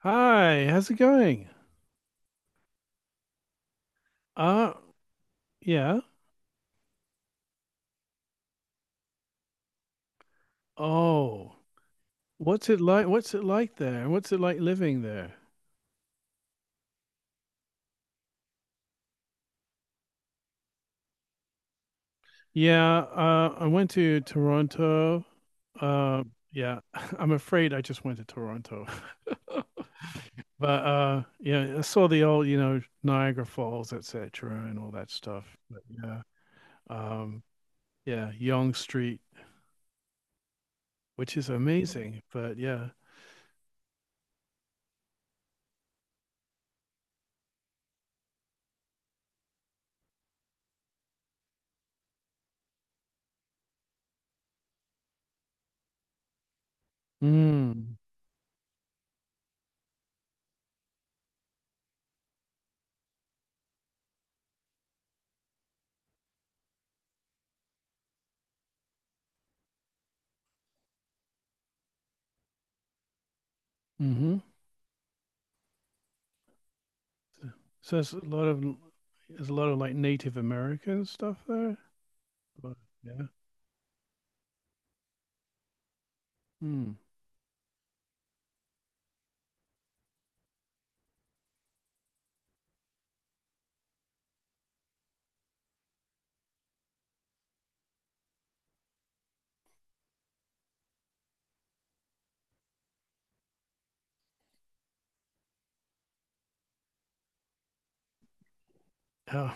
Hi, how's it going? Uh, yeah. Oh, what's it like? What's it like there? What's it like living there? Yeah, I went to Toronto. Uh, yeah, I'm afraid I just went to Toronto. But yeah, I saw the old, you know, Niagara Falls, etc., and all that stuff. But yeah, um, yeah, Yonge Street, which is amazing. But yeah, mm, mm-hmm. So there's a lot of there's a lot of like Native American stuff there. But, yeah. Hmm. Oh,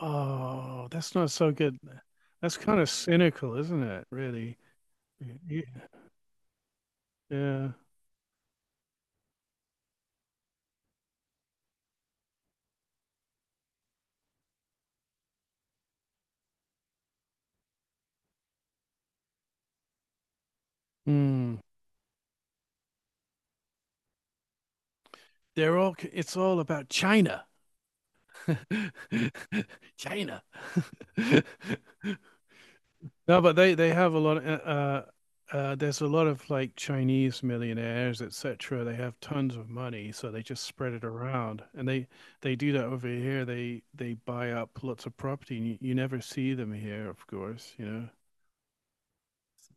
oh, that's not so good. That's kind of cynical, isn't it? Really. Yeah. Yeah. Hmm. They're all. It's all about China. China. No, but they have a lot of, there's a lot of like Chinese millionaires, etc. They have tons of money, so they just spread it around, and they do that over here. They buy up lots of property, and you never see them here, of course. You know,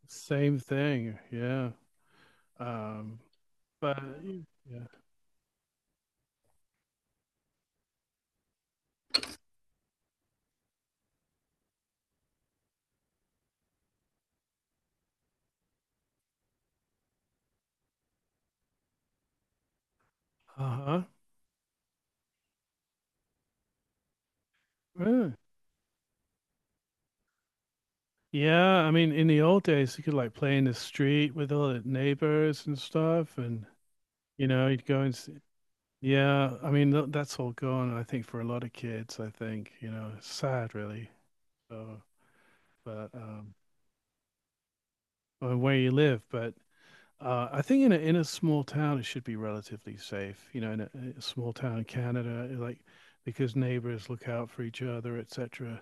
same thing. Yeah. Um. But yeah. Uh-huh. Yeah. Yeah, I mean, in the old days, you could like play in the street with all the neighbors and stuff, and you know, you'd go and see. Yeah, I mean th that's all gone. I think for a lot of kids, I think you know, it's sad really. So, but or where you live, but I think in a small town, it should be relatively safe. You know, in a small town in Canada, like because neighbors look out for each other, etc.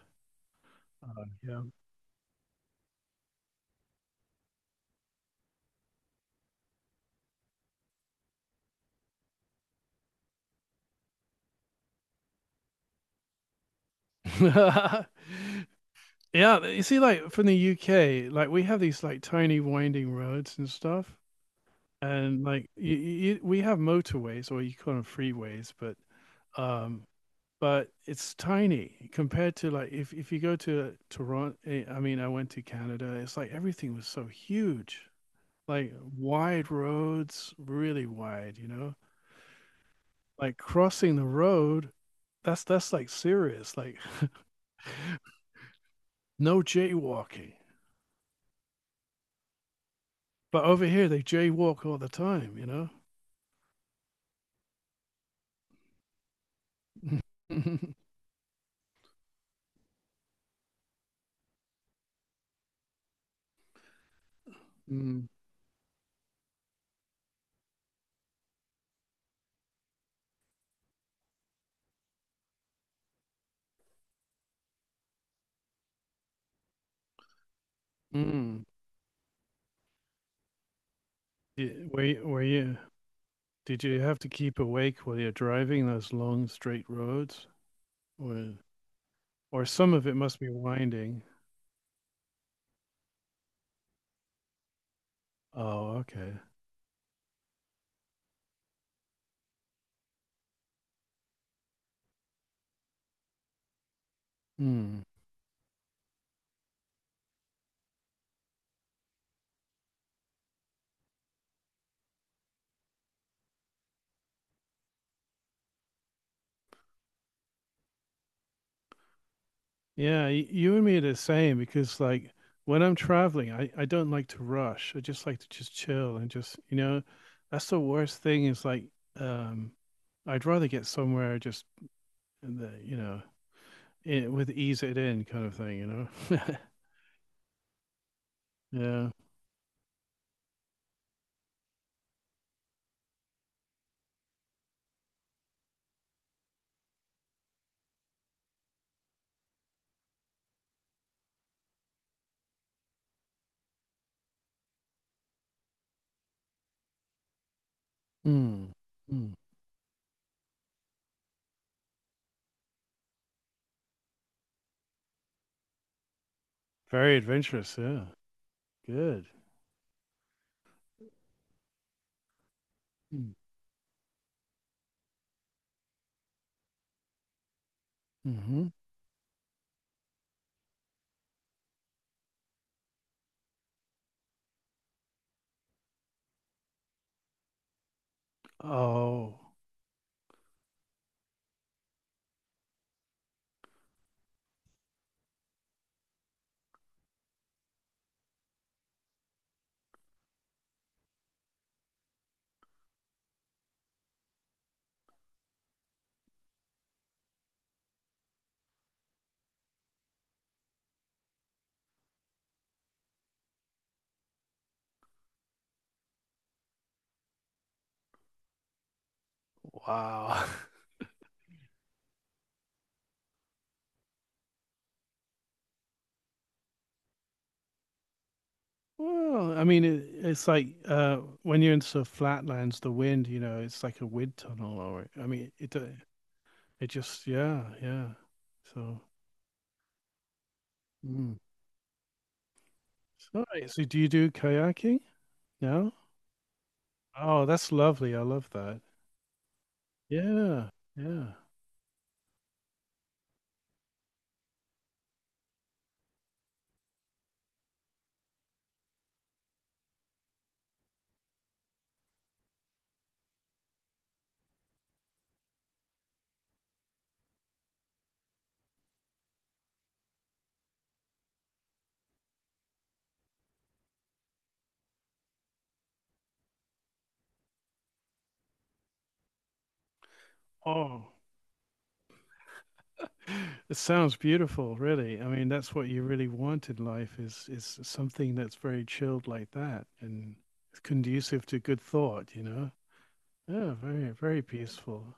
Yeah, yeah. You see, like from the UK, like we have these like tiny winding roads and stuff. And like we have motorways or you call them freeways, um, but it's tiny compared to like if you go to Toronto. I mean, I went to Canada. It's like everything was so huge, like wide roads, really wide. You know, like crossing the road, that's like serious. Like no jaywalking. But over here, they jaywalk all the time. You know. Mm, mm. Yeah, where you? Did you have to keep awake while you're driving those long straight roads, or or some of it must be winding? Oh, okay. Hmm. Yeah, you and me are the same because like when I'm traveling, I don't like to rush. I just like to just chill and just you know, that's the worst thing is like um, I'd rather get somewhere just in the you know in, with ease it in kind of thing, you know. Yeah. Hmm. Hmm. Very adventurous. Yeah. Good. Hmm. Mm-hmm. Oh, wow. Well, I mean, it's like when you're into the flatlands, the wind, you know, it's like a wind tunnel, or I mean, it just, yeah, yeah. So, mm. So, so do you do kayaking? No? Oh, that's lovely. I love that. Yeah, yeah. Oh, it sounds beautiful, really. I mean, that's what you really want in life is something that's very chilled like that and conducive to good thought, you know? Yeah, very, very peaceful.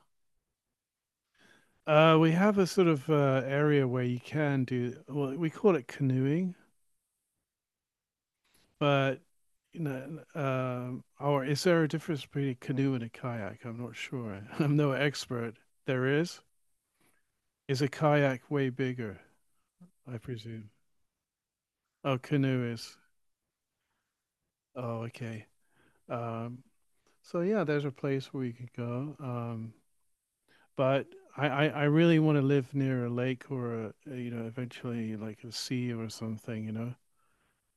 We have a sort of area where you can do, well, we call it canoeing, but you know, or is there a difference between a canoe and a kayak? I'm not sure. I'm no expert. There is. Is a kayak way bigger, I presume? Oh, canoe is. Oh, okay. Um, so yeah, there's a place where you could go. But I really want to live near a lake or a, you know, eventually like a sea or something, you know.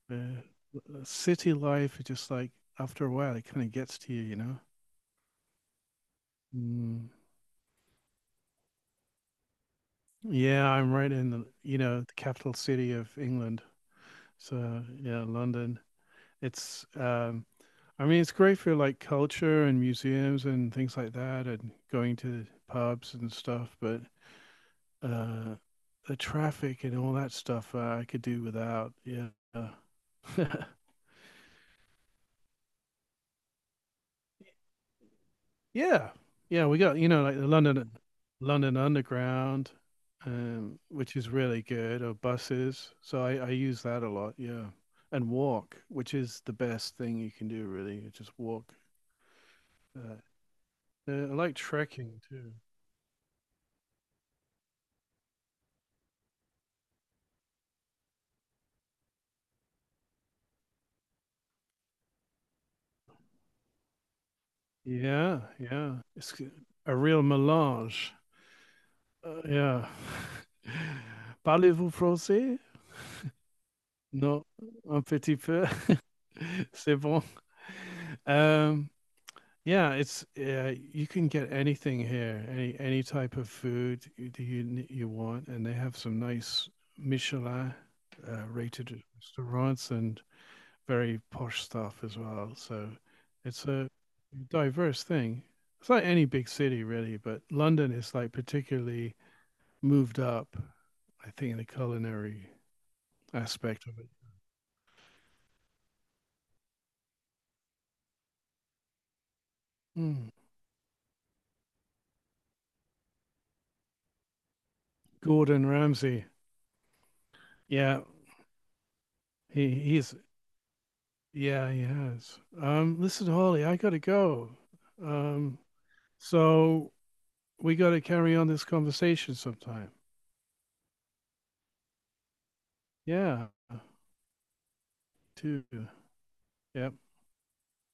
The city life is just like after a while, it kind of gets to you, you know. Mm. Yeah, I'm right in the, you know, the capital city of England. So yeah, London. It's. I mean it's great for like culture and museums and things like that and going to pubs and stuff, but uh the traffic and all that stuff I could do without. Yeah. Uh, Yeah. Yeah, we got, you know, like the London Underground, which is really good, or buses. So I use that a lot, yeah. And walk, which is the best thing you can do, really. You Just walk. Uh, I like trekking too. Yeah, yeah. A real melange. Yeah. Parlez-vous français? Non, un petit peu. C'est bon. Um, Yeah, it's you can get anything here, any type of food you you want, and they have some nice Michelin rated restaurants and very posh stuff as well. So it's a diverse thing. It's like any big city really, but London is like particularly moved up, I think, in the culinary aspect of it. Mm. Gordon Ramsay, yeah, he's Yeah, he has. Listen, Holly, I gotta go. Um, so we gotta carry on this conversation sometime. Yeah, too. Yep.